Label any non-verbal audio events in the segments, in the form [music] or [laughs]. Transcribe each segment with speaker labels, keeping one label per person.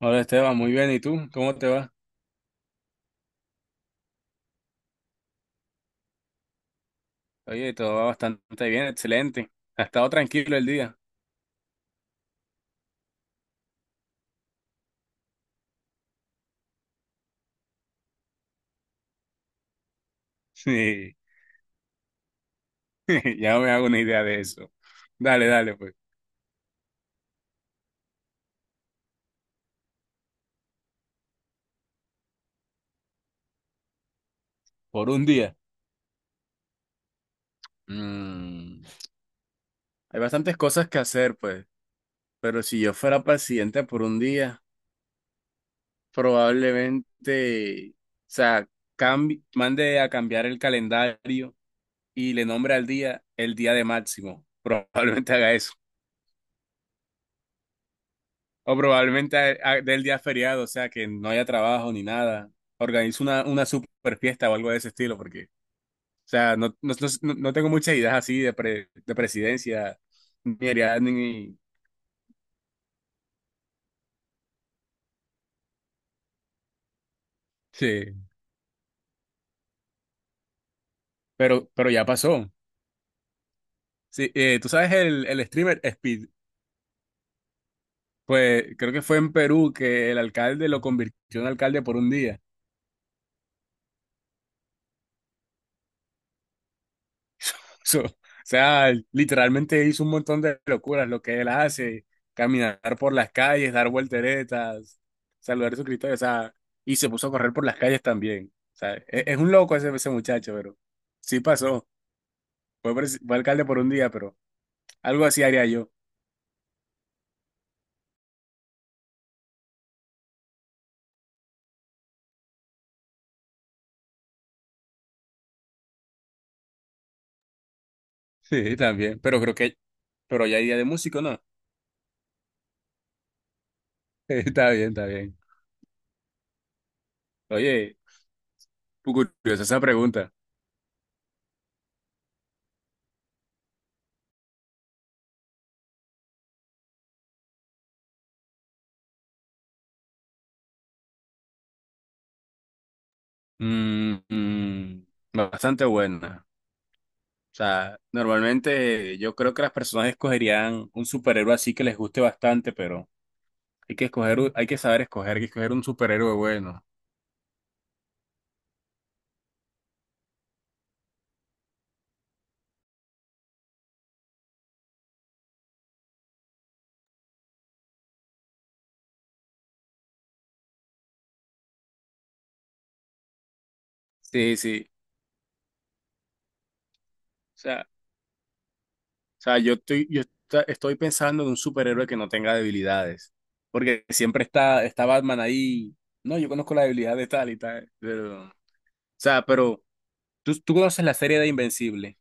Speaker 1: Hola Esteban, muy bien. ¿Y tú? ¿Cómo te va? Oye, todo va bastante bien, excelente. Ha estado tranquilo el día. Sí, [laughs] ya me hago una idea de eso. Dale, dale, pues. Por un día. Mm, Hay bastantes cosas que hacer, pues. Pero si yo fuera presidente por un día, probablemente, o sea, mande a cambiar el calendario y le nombre al día el día de Máximo. [laughs] Probablemente haga eso. O probablemente del día feriado, o sea, que no haya trabajo ni nada. Organizo una super fiesta o algo de ese estilo, porque, o sea, no tengo muchas ideas así de, de presidencia, ni, ideas, ni- Sí, pero ya pasó. Sí, tú sabes el streamer Speed, pues creo que fue en Perú que el alcalde lo convirtió en alcalde por un día. [laughs] O sea, literalmente hizo un montón de locuras, lo que él hace, caminar por las calles, dar volteretas, saludar a su Cristo, o sea, y se puso a correr por las calles también. O sea, es, un loco ese muchacho, pero sí pasó. Fue, fue alcalde por un día, pero algo así haría yo. Sí, también, pero creo que, pero ya hay día de músico, ¿no? [laughs] Está bien, está bien. Oye, curiosa esa pregunta. Mm, mm, bastante buena. O sea, normalmente yo creo que las personas escogerían un superhéroe así que les guste bastante, pero hay que escoger, hay que saber escoger, hay que escoger un superhéroe bueno. Sí, sí. O sea, o sea, yo estoy, yo esta- estoy pensando en un superhéroe que no tenga debilidades. Porque siempre está Batman ahí. No, yo conozco la debilidad de tal y tal. Pero, o sea, pero tú conoces la serie de Invencible.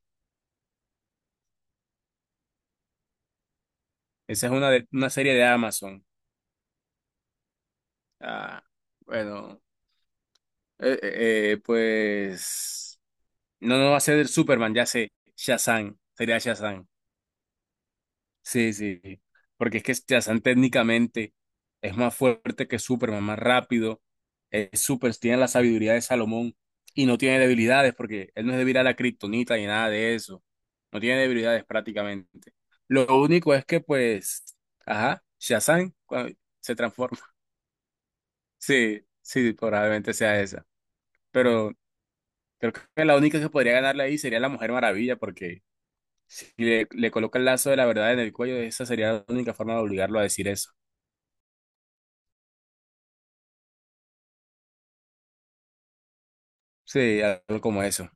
Speaker 1: Esa es una, una serie de Amazon. Ah, bueno, pues. No, no va a ser el Superman, ya sé. Shazam, sería Shazam. Sí, sí. sí. Porque es que Shazam técnicamente es más fuerte que Superman, más rápido. Es super, tiene la sabiduría de Salomón y no tiene debilidades porque él no es débil a la kriptonita ni nada de eso. No tiene debilidades prácticamente. Lo único es que, pues, ajá, Shazam se transforma. [laughs] Sí, sí, probablemente sea esa. Pero creo que la única que podría ganarle ahí sería la Mujer Maravilla porque y le coloca el lazo de la verdad en el cuello, esa sería la única forma de obligarlo a decir eso. Sí, algo como eso.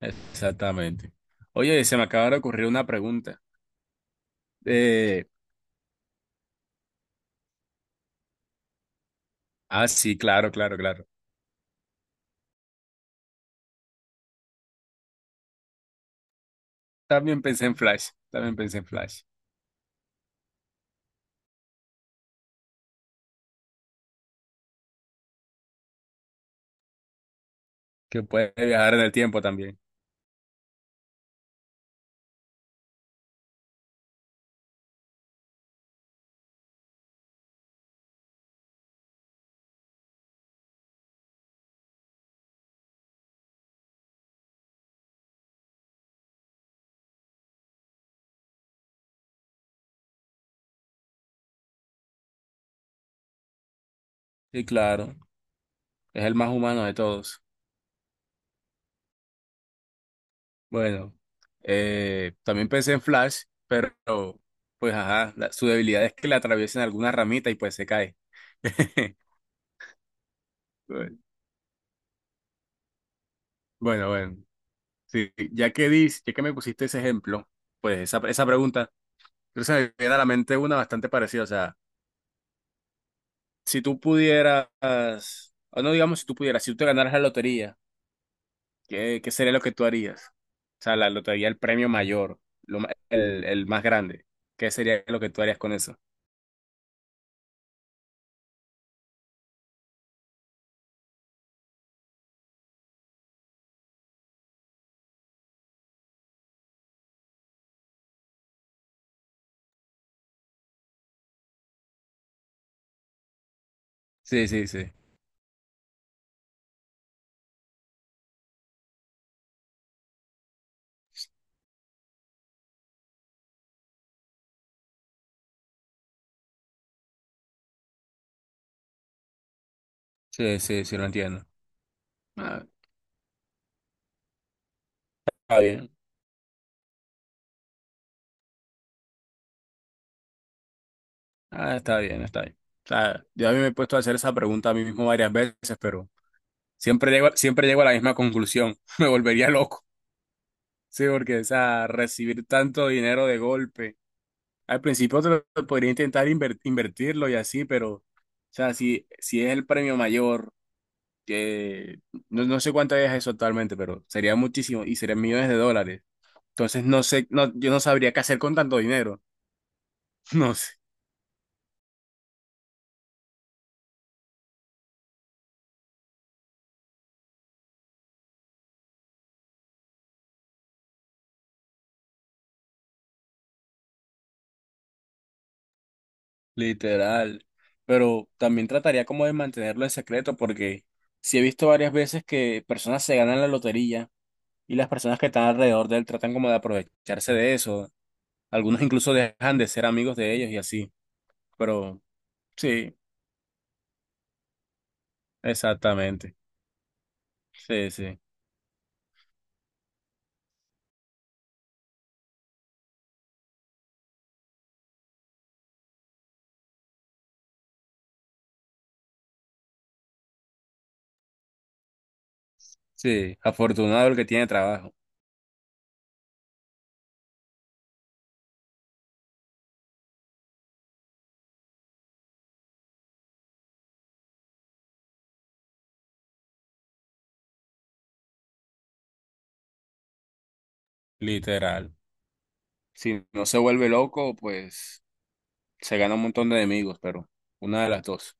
Speaker 1: Exactamente. Oye, se me acaba de ocurrir una pregunta. Eh, sí, claro, claro, claro. También pensé en Flash, que puede viajar en el tiempo también. Sí, claro, es el más humano de todos. Bueno, también pensé en Flash, pero pues ajá, su debilidad es que le atraviesan alguna ramita y pues se cae. [laughs] Bueno, bueno. Sí, ya que me pusiste ese ejemplo, pues esa pregunta, creo que se me viene a la mente una bastante parecida. O sea, si tú pudieras, o no digamos si tú pudieras, si tú te ganaras la lotería, ¿ qué sería lo que tú harías? O sea, la lotería, el premio mayor, el más grande. ¿Qué sería lo que tú harías con eso? Sí, sí, sí. Sí, sí, sí, lo entiendo. Ah, está bien. Ah, está bien, está bien. O sea, yo a mí me he puesto a hacer esa pregunta a mí mismo varias veces, pero siempre llego a la misma conclusión. [laughs] Me volvería loco. Sí, porque, o sea, recibir tanto dinero de golpe. Al principio te lo podría intentar invertirlo y así, pero, o sea, si es el premio mayor, que no sé cuánto es eso actualmente, pero sería muchísimo y serían millones de dólares. Entonces, no sé, no, yo no sabría qué hacer con tanto dinero. [laughs] No sé, literal. Pero también trataría como de mantenerlo en secreto, porque sí he visto varias veces que personas se ganan la lotería y las personas que están alrededor de él tratan como de aprovecharse de eso. Algunos incluso dejan de ser amigos de ellos y así. Pero sí, exactamente. Sí, sí. Sí, afortunado el que tiene trabajo, literal. Si no se vuelve loco, pues se gana un montón de enemigos, pero una de las dos.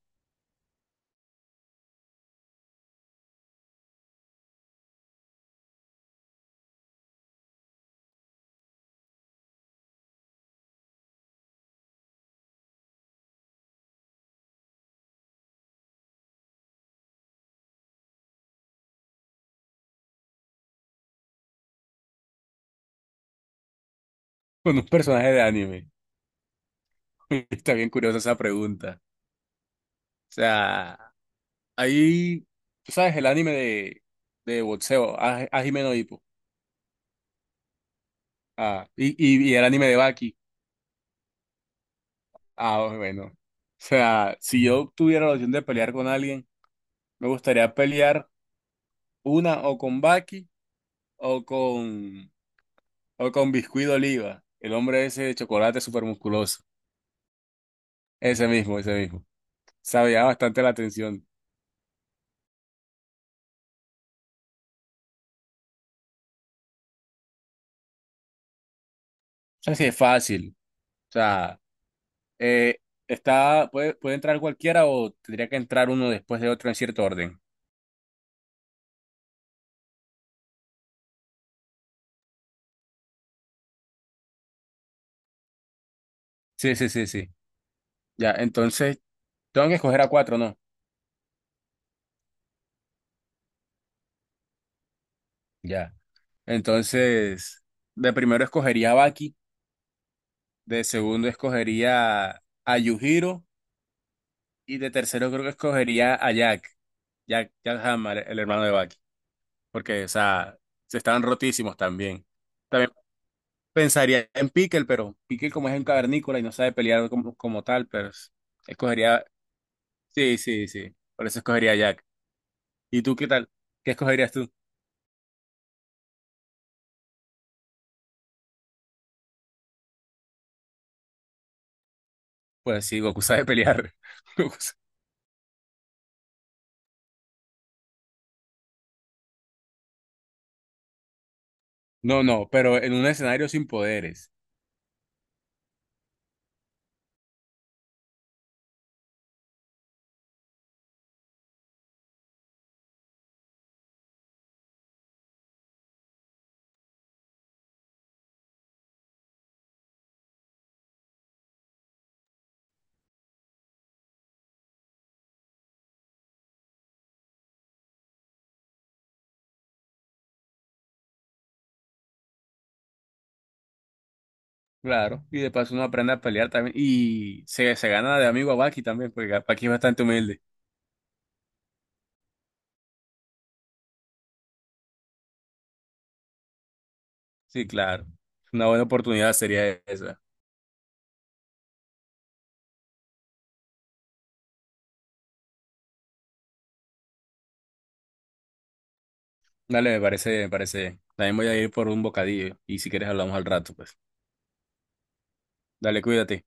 Speaker 1: [laughs] Con un personaje de anime. [laughs] Está bien curiosa esa pregunta. O sea, ahí, tú sabes, el anime de boxeo, ah, Hajime no Ippo. Ah, y el anime de Baki. Ah, bueno. O sea, si yo tuviera la opción de pelear con alguien, me gustaría pelear una o con Baki o con, o con Biscuit de Oliva, el hombre ese de chocolate súper musculoso. Ese mismo, ese mismo. Sabía bastante la atención. O sea, sí es fácil. O sea, eh, está, puede entrar cualquiera o tendría que entrar uno después de otro en cierto orden. Sí, sí, sí, sí. Ya, entonces, tengo que escoger a cuatro, ¿no? Ya. Entonces, de primero escogería a Baki, de segundo escogería a Yujiro. Y de tercero creo que escogería a Jack, Jack Hammer, el hermano de Bucky, porque, o sea, se estaban rotísimos también. También pensaría en Pickle, pero Pickle como es un cavernícola y no sabe pelear como, como tal, pero es- escogería, sí, sí, sí, por eso escogería a Jack. ¿Y tú qué tal? ¿Qué escogerías tú? Pues sí, Goku sabe pelear. [laughs] Goku sa- No, no, pero en un escenario sin poderes. Claro, y de paso uno aprende a pelear también y se gana de amigo a Bucky también, porque Bucky es bastante humilde. Sí, claro. Una buena oportunidad sería esa. Dale, me parece, me parece. También voy a ir por un bocadillo y si quieres hablamos al rato, pues. Dale, cuídate.